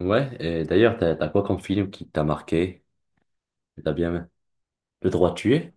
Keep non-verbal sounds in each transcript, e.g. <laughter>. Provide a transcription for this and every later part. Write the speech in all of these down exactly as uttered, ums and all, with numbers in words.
Ouais, et d'ailleurs, t'as, t'as quoi comme film qui t'a marqué? T'as bien aimé Le droit de tuer?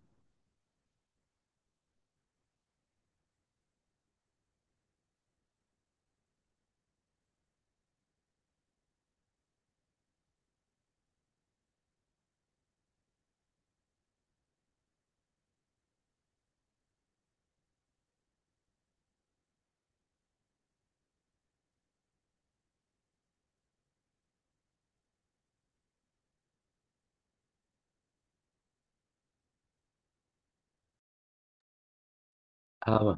Ah ouais.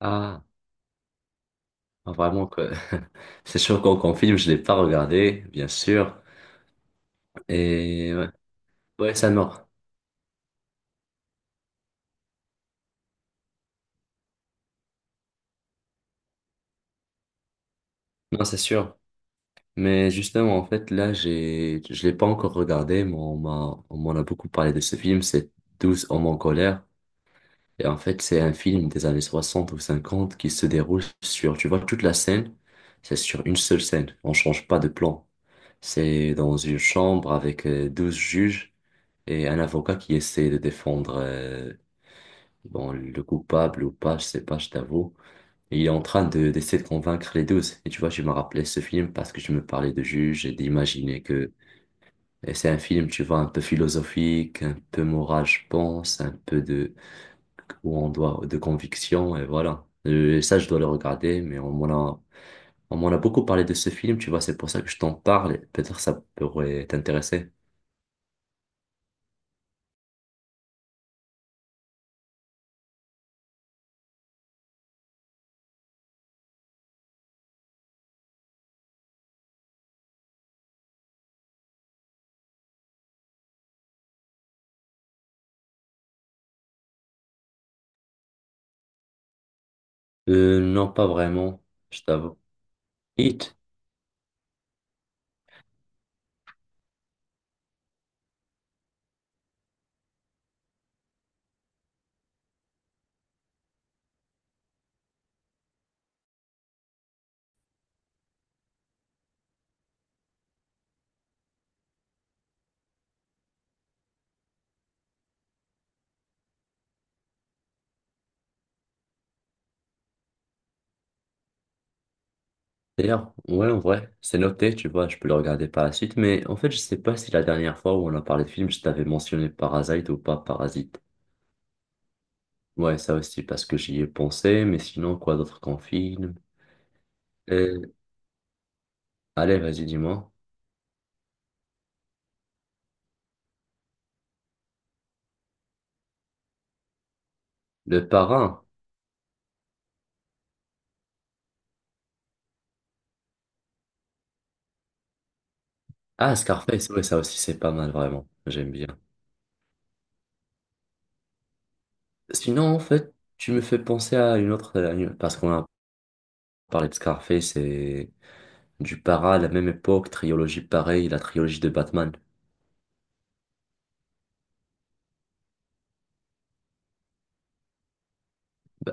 Ah, vraiment que <laughs> c'est choquant comme film, je l'ai pas regardé, bien sûr. Et ouais, ouais, ça mort. Non, c'est sûr. Mais justement, en fait, là, j'ai, je l'ai pas encore regardé, mais on m'a, on m'en a beaucoup parlé de ce film, c'est douze hommes en colère. Et en fait, c'est un film des années soixante ou cinquante qui se déroule sur, tu vois, toute la scène, c'est sur une seule scène. On change pas de plan. C'est dans une chambre avec euh, douze juges et un avocat qui essaie de défendre euh, bon, le coupable ou pas, je sais pas, je t'avoue. Et il est en train de, d'essayer de convaincre les douze. Et tu vois, je me rappelais ce film parce que je me parlais de juges et d'imaginer que et c'est un film, tu vois, un peu philosophique, un peu moral, je pense, un peu de où on doit de conviction et voilà. Euh, ça, je dois le regarder, mais on m'en a, on m'en a beaucoup parlé de ce film, tu vois, c'est pour ça que je t'en parle. Et peut-être ça pourrait t'intéresser. Euh, non, pas vraiment, je t'avoue. Hit, d'ailleurs, ouais, en vrai, c'est noté, tu vois, je peux le regarder par la suite, mais en fait, je sais pas si la dernière fois où on a parlé de film, je t'avais mentionné Parasite ou pas Parasite. Ouais, ça aussi, parce que j'y ai pensé, mais sinon, quoi d'autre qu'en film? Euh, allez, vas-y, dis-moi. Le Parrain. Ah, Scarface, ouais, ça aussi, c'est pas mal, vraiment. J'aime bien. Sinon, en fait, tu me fais penser à une autre, à une- parce qu'on a parlé de Scarface et du Para à la même époque, trilogie pareille, la trilogie de Batman.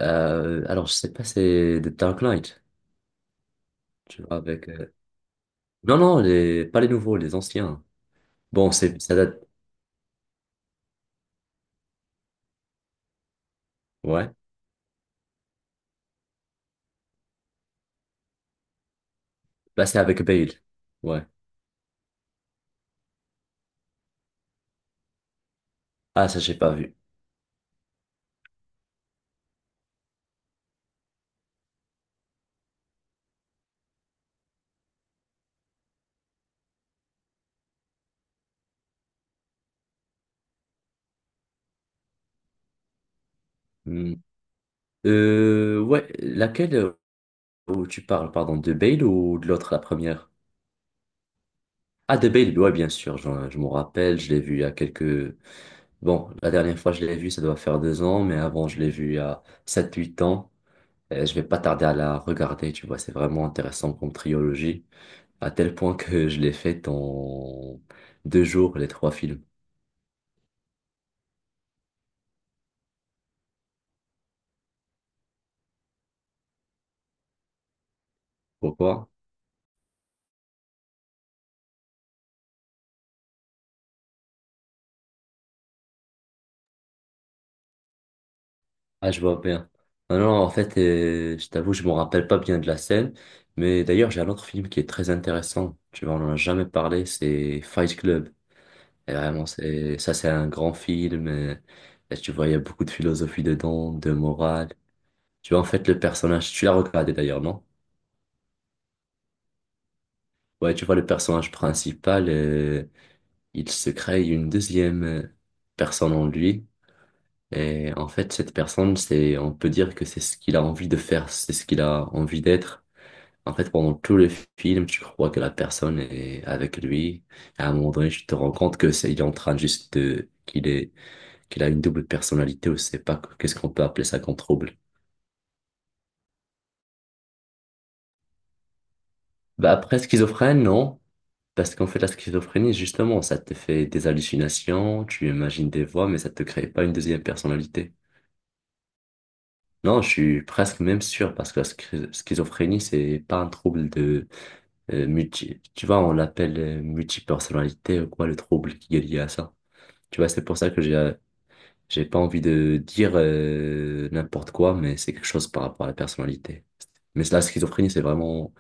Euh, alors, je sais pas, c'est The Dark Knight, tu vois, avec... euh, Non, non, les... pas les nouveaux, les anciens. Bon, c'est, ça date... Ouais. Bah, c'est avec Bale. Ouais. Ah, ça, j'ai pas vu. Hmm. Euh, ouais, laquelle euh, où tu parles, pardon, de Bale ou de l'autre, la première? Ah, The Babe, ouais, bien sûr, je, je m'en rappelle, je l'ai vu il y a quelques... Bon, la dernière fois, je l'ai vu, ça doit faire deux ans, mais avant, je l'ai vu il y a sept huit ans. Euh, je vais pas tarder à la regarder, tu vois, c'est vraiment intéressant comme trilogie, à tel point que je l'ai faite en deux jours, les trois films. Pourquoi? Ah, je vois bien. Non, non, en fait, euh, je t'avoue, je m'en rappelle pas bien de la scène, mais d'ailleurs, j'ai un autre film qui est très intéressant, tu vois, on en a jamais parlé, c'est Fight Club. Et vraiment, c'est, ça, c'est un grand film. euh, Et, tu vois, il y a beaucoup de philosophie dedans, de morale. Tu vois, en fait, le personnage, tu l'as regardé d'ailleurs, non? Ouais, tu vois, le personnage principal, euh, il se crée une deuxième euh, personne en lui. Et en fait, cette personne, c'est, on peut dire que c'est ce qu'il a envie de faire, c'est ce qu'il a envie d'être. En fait, pendant tout le film, tu crois que la personne est avec lui. Et à un moment donné, tu te rends compte que c'est, il est en train juste de, qu'il est qu'il a une double personnalité ou c'est pas qu'est-ce qu'on peut appeler ça comme trouble. Bah après, schizophrène, non. Parce qu'en fait, la schizophrénie, justement, ça te fait des hallucinations, tu imagines des voix, mais ça te crée pas une deuxième personnalité. Non, je suis presque même sûr, parce que la schi- schizophrénie, c'est pas un trouble de. euh, multi... Tu vois, on l'appelle euh, multipersonnalité ou quoi, le trouble qui est lié à ça. Tu vois, c'est pour ça que j'ai j'ai pas envie de dire euh, n'importe quoi, mais c'est quelque chose par rapport à la personnalité. Mais la schizophrénie, c'est vraiment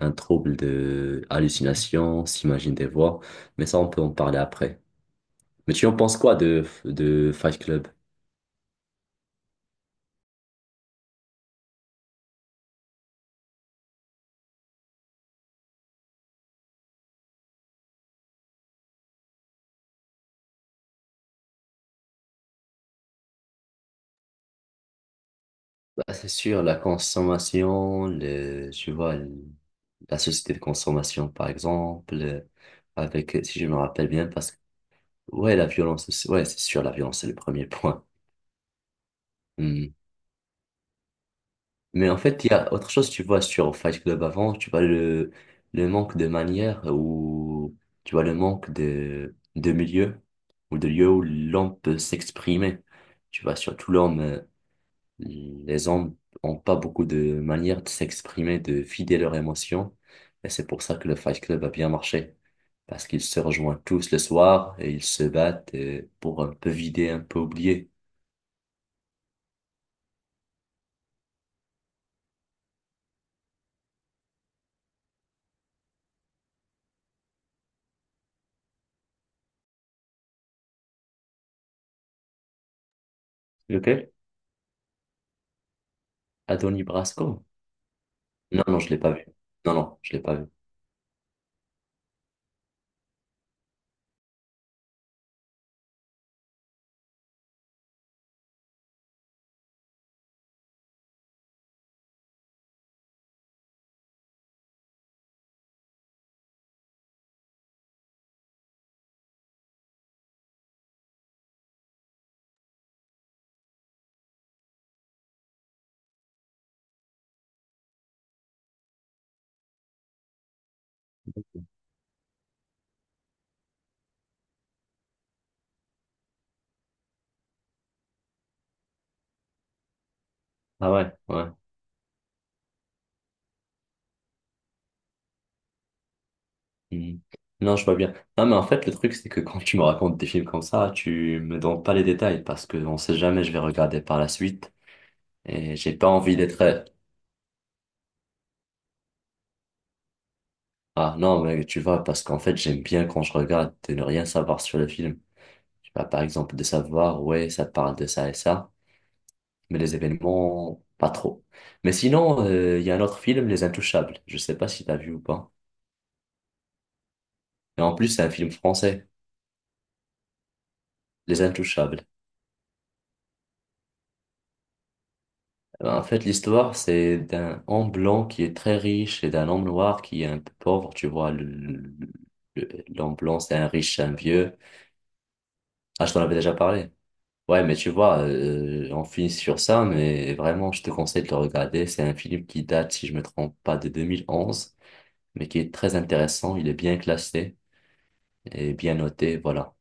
un trouble de hallucination, s'imagine des voix, mais ça, on peut en parler après. Mais tu en penses quoi de, de Fight Club? Bah, c'est sûr, la consommation, le, tu vois, le- la société de consommation, par exemple, euh, avec, si je me rappelle bien, parce que, ouais, la violence, aussi- ouais, c'est sûr, la violence, c'est le premier point. Hmm. Mais en fait, il y a autre chose, tu vois, sur Fight Club avant, tu vois le, le manque de manière ou tu vois le manque de, de milieu ou de lieu où l'homme peut s'exprimer. Tu vois, surtout l'homme, euh, les hommes ont pas beaucoup de manières de s'exprimer, de vider leurs émotions. Et c'est pour ça que le Fight Club a bien marché. Parce qu'ils se rejoignent tous le soir et ils se battent euh, pour un peu vider, un peu oublier. Lequel? Adonis Brasco? Non, non, je l'ai pas vu. Non, non, je l'ai pas vu. Ah ouais, ouais. Hmm. Non, je vois bien. Non, mais en fait, le truc, c'est que quand tu me racontes des films comme ça, tu me donnes pas les détails parce que on sait jamais, je vais regarder par la suite et j'ai pas envie d'être. Ah non, mais tu vois, parce qu'en fait, j'aime bien quand je regarde de ne rien savoir sur le film. Tu vois, par exemple, de savoir, ouais, ça parle de ça et ça, mais les événements, pas trop. Mais sinon, euh, il y a un autre film, Les Intouchables. Je sais pas si t'as vu ou pas. Et en plus, c'est un film français, Les Intouchables. Eh ben, en fait, l'histoire, c'est d'un homme blanc qui est très riche et d'un homme noir qui est un peu pauvre. Tu vois, le- le- le- l'homme blanc, c'est un riche, un vieux. Ah, je t'en avais déjà parlé. Ouais, mais tu vois, euh, on finit sur ça, mais vraiment, je te conseille de le regarder. C'est un film qui date, si je me trompe pas, de deux mille onze, mais qui est très intéressant. Il est bien classé et bien noté. Voilà.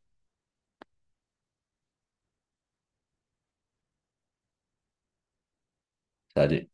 Salut.